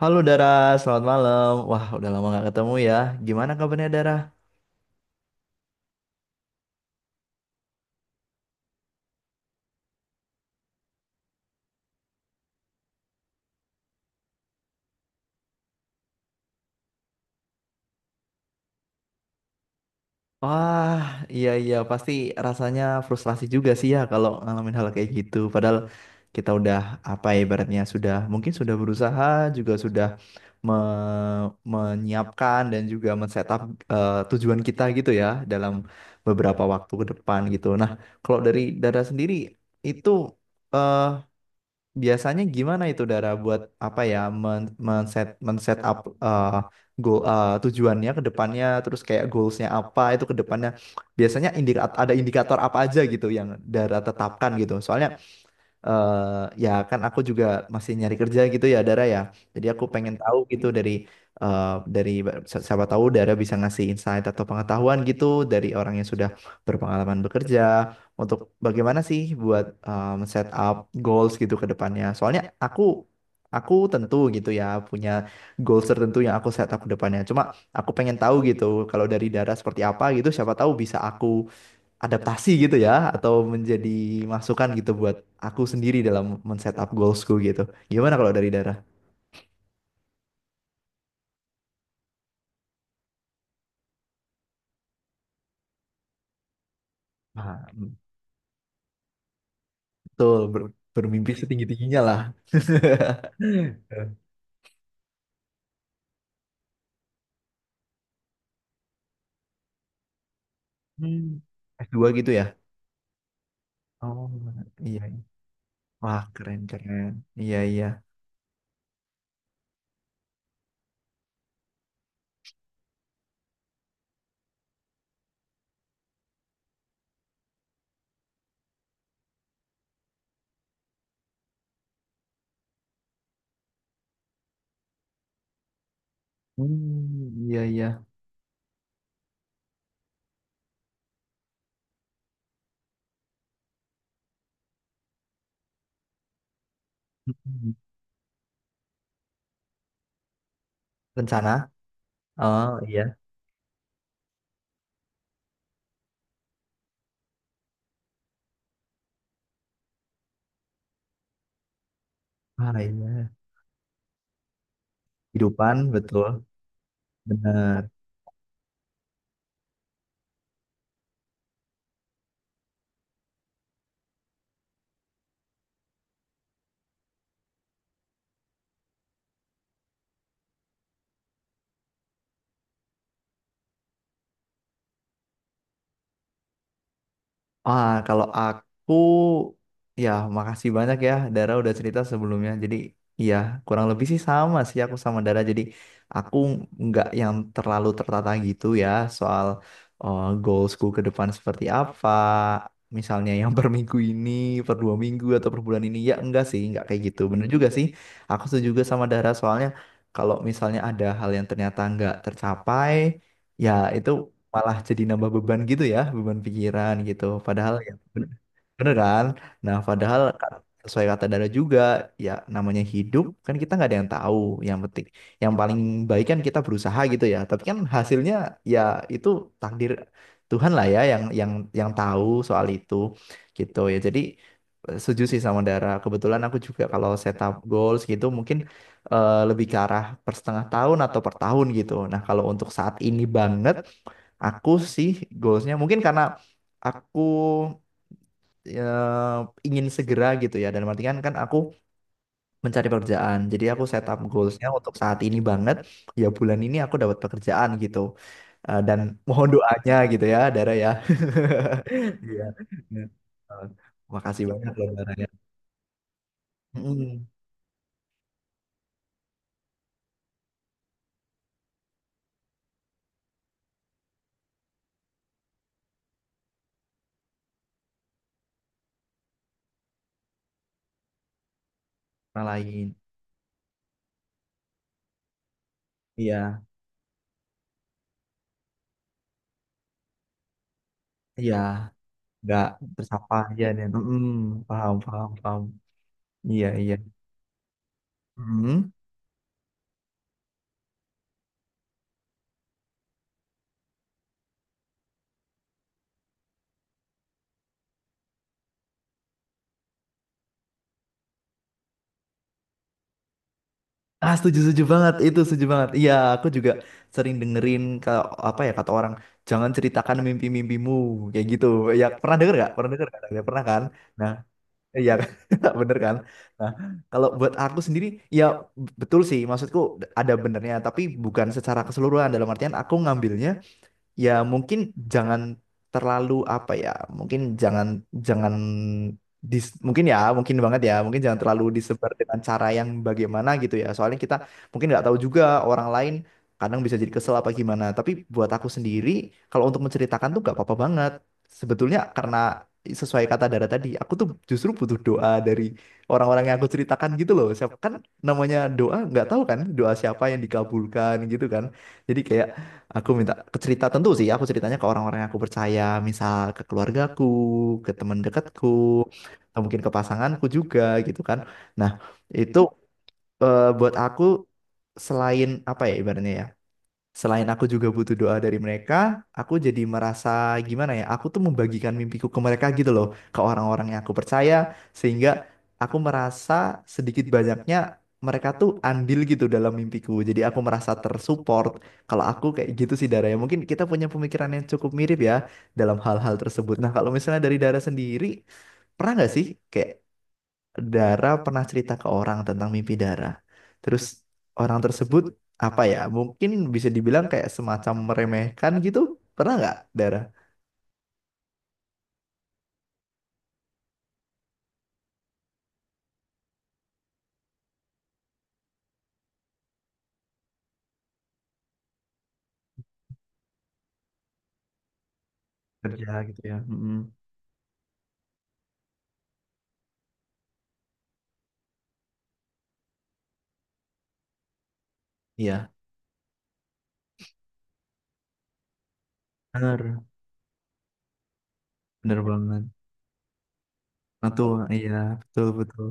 Halo Dara, selamat malam. Wah, udah lama nggak ketemu ya. Gimana kabarnya, Dara? Wah, iya, iya, pasti rasanya frustrasi juga sih ya kalau ngalamin hal kayak gitu. Padahal kita udah apa ya, ibaratnya sudah mungkin sudah berusaha juga sudah me- menyiapkan dan juga men-setup tujuan kita gitu ya dalam beberapa waktu ke depan gitu. Nah, kalau dari Dara sendiri itu, eh, biasanya gimana itu Dara buat apa ya, men-set up eh, goal tujuannya ke depannya, terus kayak goalsnya apa itu ke depannya, biasanya indikator, ada indikator apa aja gitu yang Dara tetapkan gitu. Soalnya eh ya kan aku juga masih nyari kerja gitu ya, Dara ya. Jadi aku pengen tahu gitu eh, dari siapa tahu Dara bisa ngasih insight atau pengetahuan gitu dari orang yang sudah berpengalaman bekerja untuk bagaimana sih buat set up goals gitu ke depannya. Soalnya aku tentu gitu ya punya goals tertentu yang aku set up ke depannya. Cuma aku pengen tahu gitu kalau dari Dara seperti apa gitu, siapa tahu bisa aku adaptasi gitu ya atau menjadi masukan gitu buat aku sendiri dalam men-setup goalsku gitu. Gimana kalau dari Dara? Nah, betul, bermimpi setinggi-tingginya lah. Hmm. S2 gitu ya. Oh, iya. Wah, keren, keren. Iya, iya. Hmm, iya, iya. Hmm. Rencana? Oh, iya. Ah, iya. Kehidupan, betul. Benar. Ah, kalau aku ya makasih banyak ya Dara udah cerita sebelumnya. Jadi iya kurang lebih sih sama sih aku sama Dara. Jadi aku nggak yang terlalu tertata gitu ya soal goalsku ke depan seperti apa. Misalnya yang per minggu ini, per dua minggu atau per bulan ini, ya enggak sih, enggak kayak gitu. Bener juga sih. Aku setuju juga sama Dara soalnya kalau misalnya ada hal yang ternyata nggak tercapai, ya itu malah jadi nambah beban gitu ya, beban pikiran gitu. Padahal ya bener, bener kan? Nah, padahal sesuai kata Dara juga, ya namanya hidup kan kita nggak ada yang tahu. Yang penting, yang paling baik kan kita berusaha gitu ya. Tapi kan hasilnya ya itu takdir Tuhan lah ya yang yang tahu soal itu gitu ya. Jadi setuju sih sama Dara. Kebetulan aku juga kalau setup goals gitu mungkin lebih ke arah per setengah tahun atau per tahun gitu. Nah, kalau untuk saat ini banget, aku sih goalsnya mungkin karena aku ya, ingin segera gitu ya. Dan artian kan aku mencari pekerjaan. Jadi aku set up goalsnya untuk saat ini banget. Ya bulan ini aku dapat pekerjaan gitu. Dan mohon doanya gitu ya, Dara ya. Iya. Iya. Eh, Makasih banyak loh, Dara ya. Mm. Orang lain. Iya, iya. Nggak tersampaikan aja nih. Mm. Paham, paham, paham. Iya, iya. Mm. Ah, setuju, setuju banget. Itu setuju banget. Iya, aku juga sering dengerin kalau apa ya kata orang, jangan ceritakan mimpi-mimpimu kayak gitu. Ya, pernah denger nggak? Pernah denger nggak? Ya, pernah kan? Nah, iya kan? Bener kan? Nah, kalau buat aku sendiri, ya betul sih. Maksudku ada benernya, tapi bukan secara keseluruhan. Dalam artian aku ngambilnya ya mungkin jangan terlalu apa ya, mungkin jangan jangan dis- mungkin, ya mungkin banget, ya mungkin jangan terlalu disebar dengan cara yang bagaimana gitu ya, soalnya kita mungkin nggak tahu juga orang lain kadang bisa jadi kesel apa gimana, tapi buat aku sendiri kalau untuk menceritakan tuh nggak apa-apa banget sebetulnya karena sesuai kata Dara tadi aku tuh justru butuh doa dari orang-orang yang aku ceritakan gitu loh, siapa kan namanya doa nggak tahu kan doa siapa yang dikabulkan gitu kan, jadi kayak aku minta ke cerita tentu sih, aku ceritanya ke orang-orang yang aku percaya, misal ke keluargaku, ke teman dekatku, atau mungkin ke pasanganku juga gitu kan. Nah, itu buat aku selain apa ya ibaratnya ya? Selain aku juga butuh doa dari mereka, aku jadi merasa gimana ya, aku tuh membagikan mimpiku ke mereka gitu loh, ke orang-orang yang aku percaya, sehingga aku merasa sedikit banyaknya mereka tuh andil gitu dalam mimpiku. Jadi aku merasa tersupport. Kalau aku kayak gitu sih, Dara ya, mungkin kita punya pemikiran yang cukup mirip ya dalam hal-hal tersebut. Nah, kalau misalnya dari Dara sendiri, pernah nggak sih kayak Dara pernah cerita ke orang tentang mimpi Dara. Terus orang tersebut apa ya? Mungkin bisa dibilang kayak semacam meremehkan gitu. Pernah nggak, Dara? Kerja gitu ya. Mm-mm. Iya. Bener. Bener banget. Betul. Iya. Betul, betul.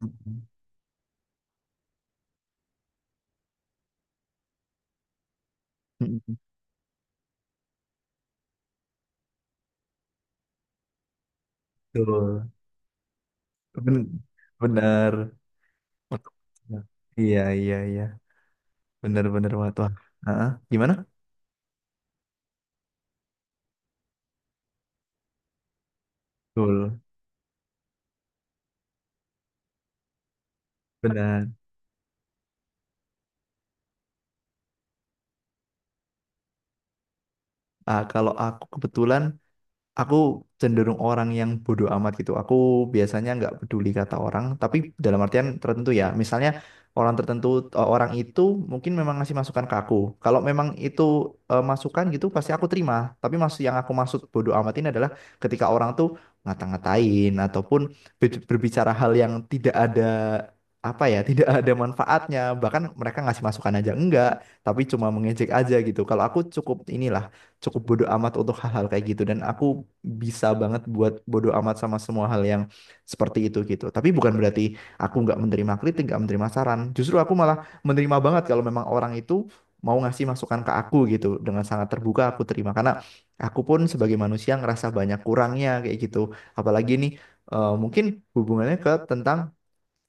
Mm-mm. Mm-mm. Betul. Ben- Bener. Betul. Iya, iya, iya. Bener, bener banget. Wah. Ah, gimana? Betul. Benar. Ah, kalau aku kebetulan aku cenderung orang yang bodoh amat gitu. Aku biasanya nggak peduli kata orang, tapi dalam artian tertentu ya. Misalnya orang tertentu, orang itu mungkin memang ngasih masukan ke aku. Kalau memang itu masukan gitu, pasti aku terima. Tapi maksud yang aku maksud bodoh amat ini adalah ketika orang tuh ngata-ngatain ataupun berbicara hal yang tidak ada apa ya, tidak ada manfaatnya. Bahkan mereka ngasih masukan aja enggak, tapi cuma mengejek aja gitu. Kalau aku cukup inilah, cukup bodo amat untuk hal-hal kayak gitu dan aku bisa banget buat bodo amat sama semua hal yang seperti itu gitu. Tapi bukan berarti aku nggak menerima kritik, nggak menerima saran. Justru aku malah menerima banget kalau memang orang itu mau ngasih masukan ke aku gitu, dengan sangat terbuka aku terima karena aku pun sebagai manusia ngerasa banyak kurangnya kayak gitu. Apalagi nih mungkin hubungannya ke tentang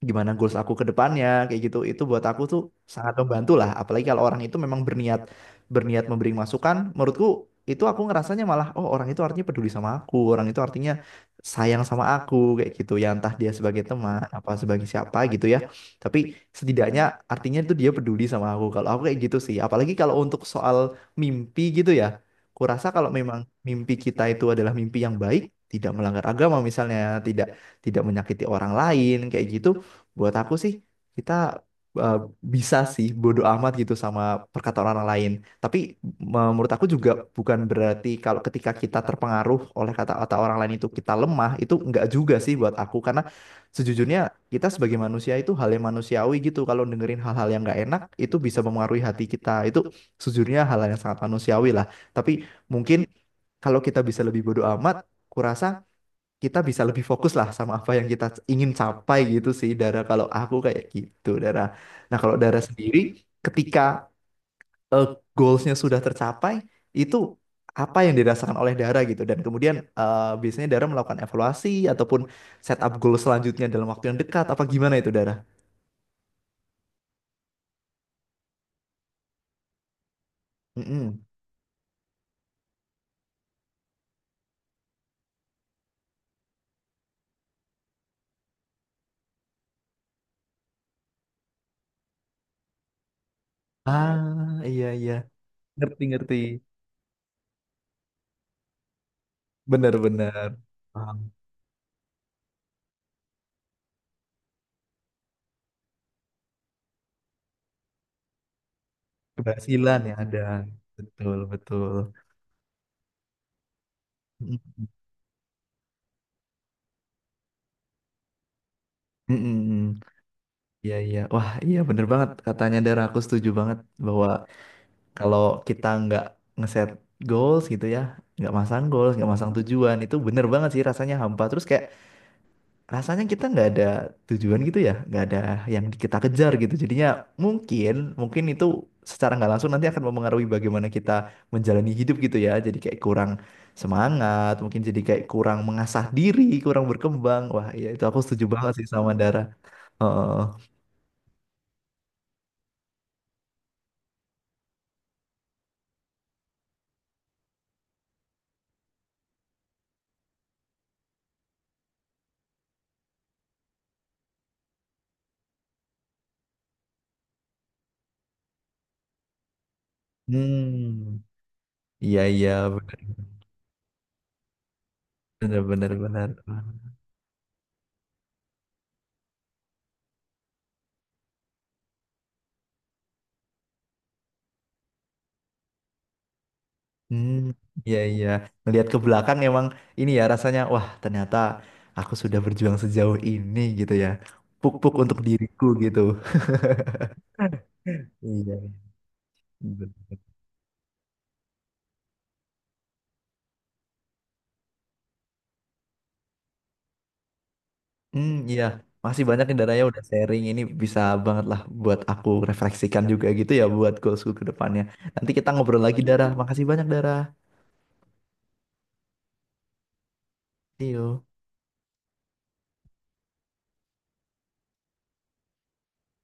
gimana goals aku ke depannya kayak gitu, itu buat aku tuh sangat membantu lah, apalagi kalau orang itu memang berniat, berniat memberi masukan menurutku, itu aku ngerasanya malah oh orang itu artinya peduli sama aku, orang itu artinya sayang sama aku kayak gitu ya, entah dia sebagai teman apa sebagai siapa gitu ya, tapi setidaknya artinya itu dia peduli sama aku, kalau aku kayak gitu sih. Apalagi kalau untuk soal mimpi gitu ya, kurasa kalau memang mimpi kita itu adalah mimpi yang baik, tidak melanggar agama misalnya, tidak, tidak menyakiti orang lain kayak gitu, buat aku sih kita uh, bisa sih bodo amat gitu sama perkataan orang lain. Tapi menurut aku juga, bukan berarti kalau ketika kita terpengaruh oleh kata-kata orang lain itu kita lemah, itu enggak juga sih buat aku karena sejujurnya kita sebagai manusia itu hal yang manusiawi gitu. Kalau dengerin hal-hal yang enggak enak itu bisa mempengaruhi hati kita. Itu sejujurnya hal yang sangat manusiawi lah. Tapi mungkin kalau kita bisa lebih bodo amat, kurasa kita bisa lebih fokus lah sama apa yang kita ingin capai gitu sih, Dara, kalau aku kayak gitu, Dara. Nah, kalau Dara sendiri ketika eh, goalsnya sudah tercapai, itu apa yang dirasakan oleh Dara gitu, dan kemudian biasanya Dara melakukan evaluasi ataupun set up goal selanjutnya dalam waktu yang dekat apa gimana itu, Dara? Mm-mm. Ah, iya, iya. Ngerti, ngerti. Benar-benar. Paham. Keberhasilan ya ada. Betul, betul. Mm-mm. Mm-mm. Iya, iya. Wah, iya bener banget. Katanya Dara, aku setuju banget bahwa kalau kita nggak ngeset goals gitu ya, nggak masang goals, nggak masang tujuan, itu bener banget sih rasanya hampa. Terus kayak rasanya kita nggak ada tujuan gitu ya, nggak ada yang kita kejar gitu. Jadinya mungkin, mungkin itu secara nggak langsung nanti akan mempengaruhi bagaimana kita menjalani hidup gitu ya. Jadi kayak kurang semangat, mungkin jadi kayak kurang mengasah diri, kurang berkembang. Wah, iya itu aku setuju banget sih sama Dara. Heeh. Hmm. Iya, iya, benar, benar, benar. Hmm, iya, iya. Melihat ke belakang emang ini ya rasanya wah ternyata aku sudah berjuang sejauh ini gitu ya. Puk-puk untuk diriku gitu. Iya. Bener. Hmm, iya. Masih banyak nih Daraya udah sharing, ini bisa banget lah buat aku refleksikan juga gitu ya buat goalsku ke depannya. Nanti kita ngobrol lagi, Dara. Makasih banyak, Dara. See you.